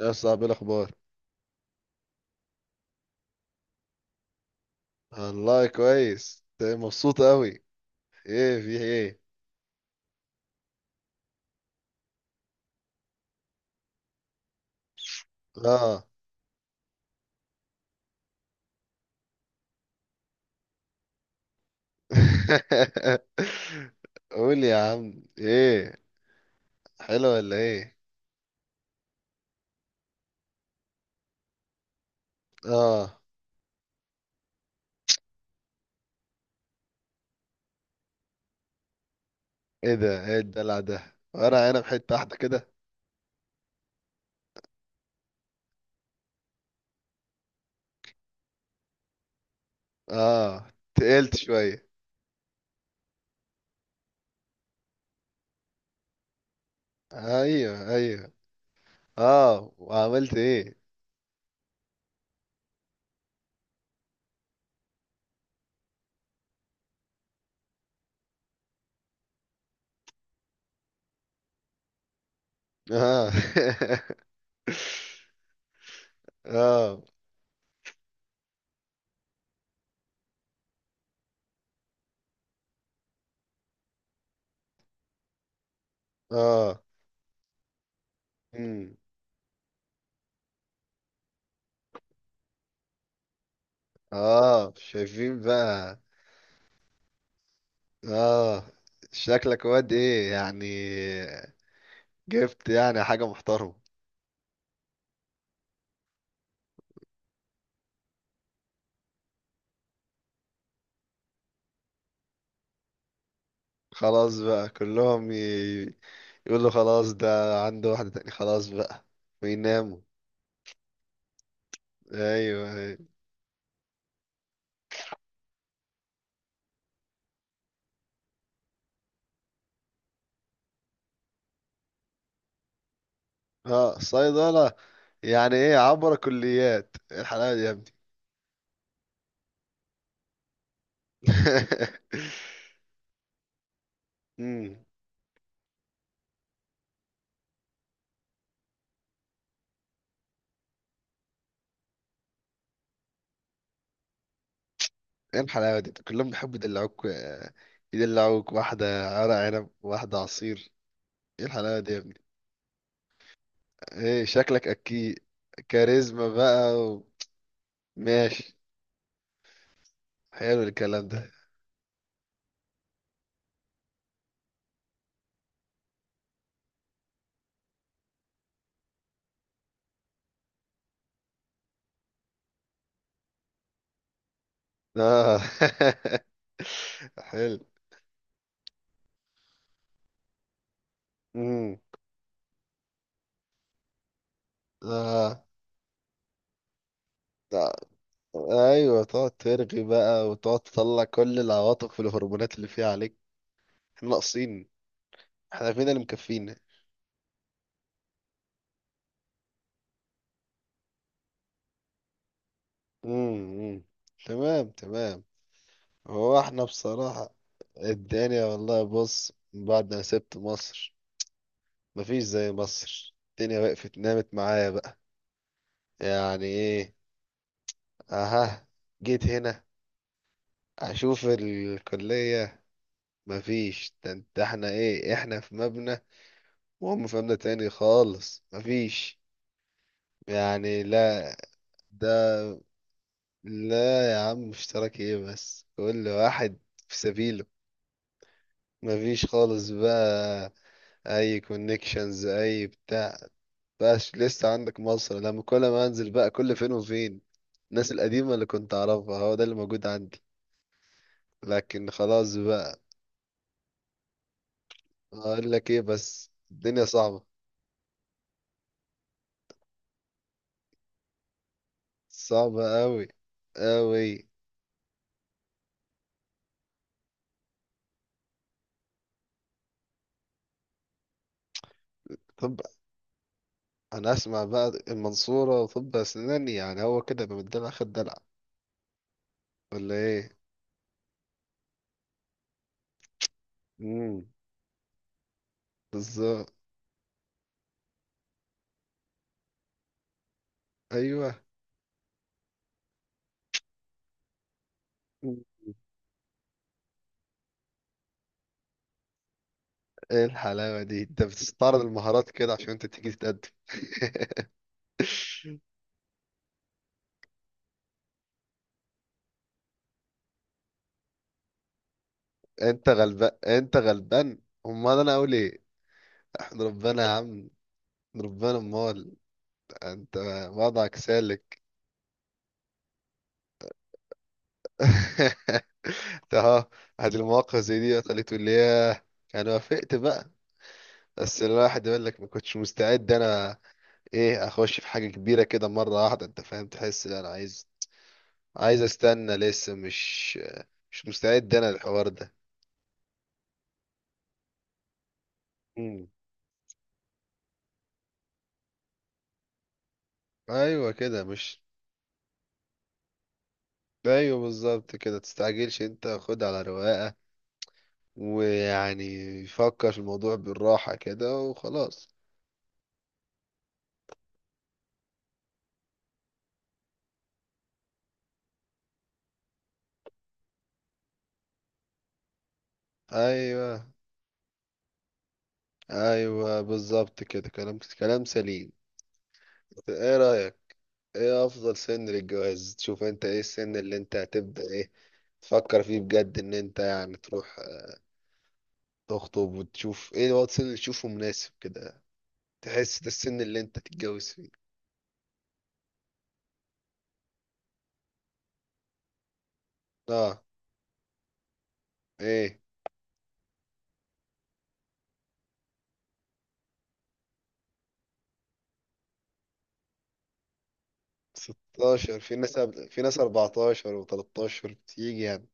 يا صاحبي إيه الاخبار؟ والله كويس. إنت مبسوط قوي، ايه في ايه؟ اه. قول يا عم ايه؟ حلو ولا ايه؟ اه. ايه ده؟ ايه الدلع ده؟ ورق عنب حته واحده كده. اه تقلت شويه. ايوه ايوه. اه وعملت ايه؟ اه. اه. اه. امم. اه شايفين بقى. اه شكلك واد ايه يعني؟ جبت يعني حاجة محترمة؟ خلاص بقى يقولوا خلاص ده عنده واحدة تاني، خلاص بقى ويناموا. ايوه ايوه. اه صيدلة؟ يعني ايه عبر كليات؟ ايه الحلاوة دي يا ابني؟ امم. ايه الحلاوة دي؟ كلهم بيحبوا يدلعوك يدلعوك واحدة ورق عنب، واحدة عصير. ايه الحلاوة دي يا ابني؟ ايه شكلك اكيد كاريزما بقى ماشي، حلو الكلام ده. اه. حلو. امم. اه. ده- ايوه تقعد ترغي بقى وتقعد تطلع كل العواطف والهرمونات اللي فيها عليك. احنا ناقصين؟ احنا فينا اللي مكفينا. امم. تمام تمام. هو احنا بصراحة الدنيا والله بص، من بعد ما سبت مصر مفيش زي مصر. الدنيا وقفت نامت معايا بقى، يعني ايه. اها. جيت هنا اشوف الكلية، مفيش. ده انت احنا ايه؟ احنا في مبنى وهم في مبنى تاني خالص. مفيش يعني، لا. ده لا يا عم، اشتراك ايه بس؟ كل واحد في سبيله، مفيش خالص بقى. اي كونكشنز اي بتاع. بقاش لسه عندك مصر، لما كل ما انزل بقى كل فين وفين الناس القديمة اللي كنت اعرفها، هو ده اللي موجود عندي. لكن خلاص بقى. اقول لك ايه؟ بس الدنيا صعبة. صعبة قوي قوي. طب انا اسمع بقى، المنصورة طب اسنان، يعني هو كده يبقى من الدلع خد دلع ولا ايه؟ امم. بالظبط. ايوه. مم. ايه الحلاوة دي؟ انت بتستعرض المهارات كده عشان انت تيجي تتقدم؟ انت غلبان، انت غلبان. امال انا اقول ايه؟ احمد ربنا يا عم، احمد ربنا. امال انت وضعك سالك. انت اهو. هذه المواقف زي دي خليته اللي هي انا وافقت بقى. بس الواحد يقول لك ما كنتش مستعد انا، ايه اخش في حاجة كبيرة كده مرة واحدة، انت فاهم؟ تحس لا انا عايز، استنى لسه. مش مستعد انا للحوار ده. مم. ايوه كده مش ايوه بالظبط كده. تستعجلش، انت خد على رواقة ويعني فكر في الموضوع بالراحة كده وخلاص. ايوه ايوه بالظبط كده. كلام كلام سليم. ايه رأيك؟ ايه افضل سن للجواز؟ تشوف انت ايه السن اللي انت هتبدأ ايه تفكر فيه بجد ان انت يعني تروح تخطب، وتشوف ايه الوقت السن اللي تشوفه مناسب كده؟ تحس ده السن اللي انت تتجوز فيه. اه ايه 16. في ناس في ناس 14 و13 بتيجي يعني.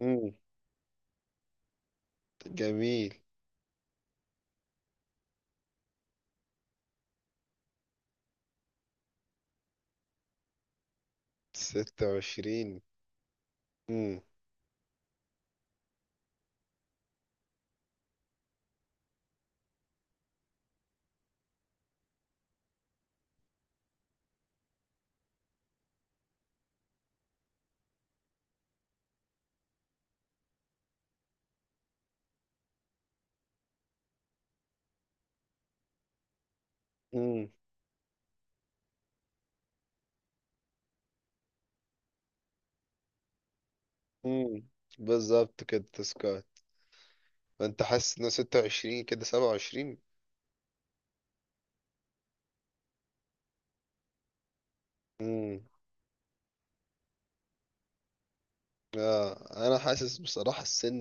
امم. جميل. 26. امم امم امم بالظبط كده تسكات. فانت حاسس ان 26 كده 27. امم. اه انا حاسس بصراحة السن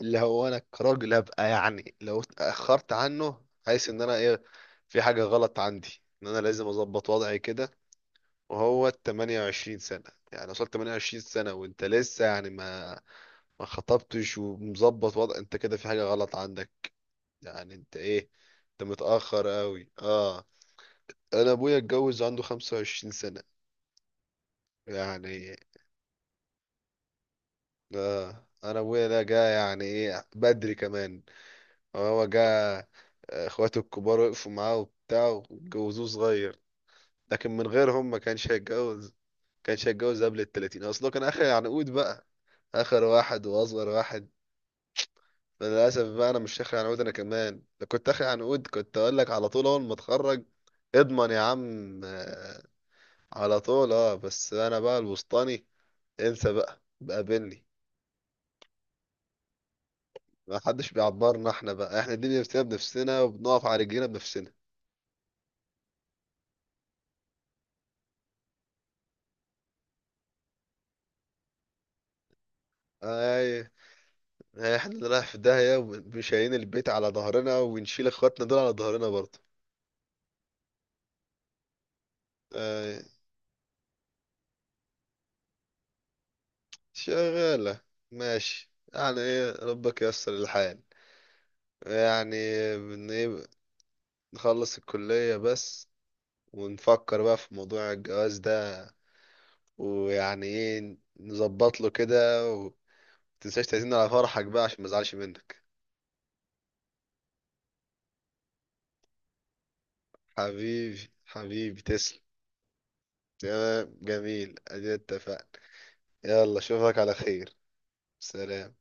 اللي هو انا كراجل ابقى، يعني لو اتاخرت عنه حاسس ان انا ايه، في حاجه غلط عندي ان انا لازم اظبط وضعي كده. وهو 28 سنه يعني، وصلت 28 سنه وانت لسه يعني ما خطبتش ومظبط وضع، انت كده في حاجه غلط عندك. يعني انت ايه، انت متاخر قوي. اه. انا ابويا اتجوز عنده 25 سنه يعني. آه انا ابويا ده جه يعني ايه بدري كمان. هو جه اخواته الكبار وقفوا معاه وبتاع واتجوزوه صغير. لكن من غيرهم ما كانش هيتجوز، ما كانش هيتجوز قبل التلاتين، اصله كان اخر عنقود بقى. اخر واحد واصغر واحد. للاسف بقى انا مش اخر عنقود. انا كمان لو كنت اخر عنقود كنت اقول لك على طول اول ما اتخرج اضمن يا عم على طول. اه بس انا بقى الوسطاني، انسى بقى، بقابلني. ما حدش بيعبرنا احنا بقى. احنا دي بنفسنا بنفسنا وبنقف على رجلينا بنفسنا. اي احنا اللي رايح في داهية، ومش شايلين البيت على ظهرنا ونشيل اخواتنا دول على ظهرنا برضه. آه. شغالة. ماشي، يعني ايه ربك ييسر الحال يعني. بن ايه. نخلص الكلية بس ونفكر بقى في موضوع الجواز ده، ويعني ايه نظبط له كده. ومتنساش تعزمنا على فرحك بقى عشان ما ازعلش منك. حبيبي حبيبي، تسلم. تمام جميل، ادينا اتفقنا. يلا اشوفك على خير. سلام.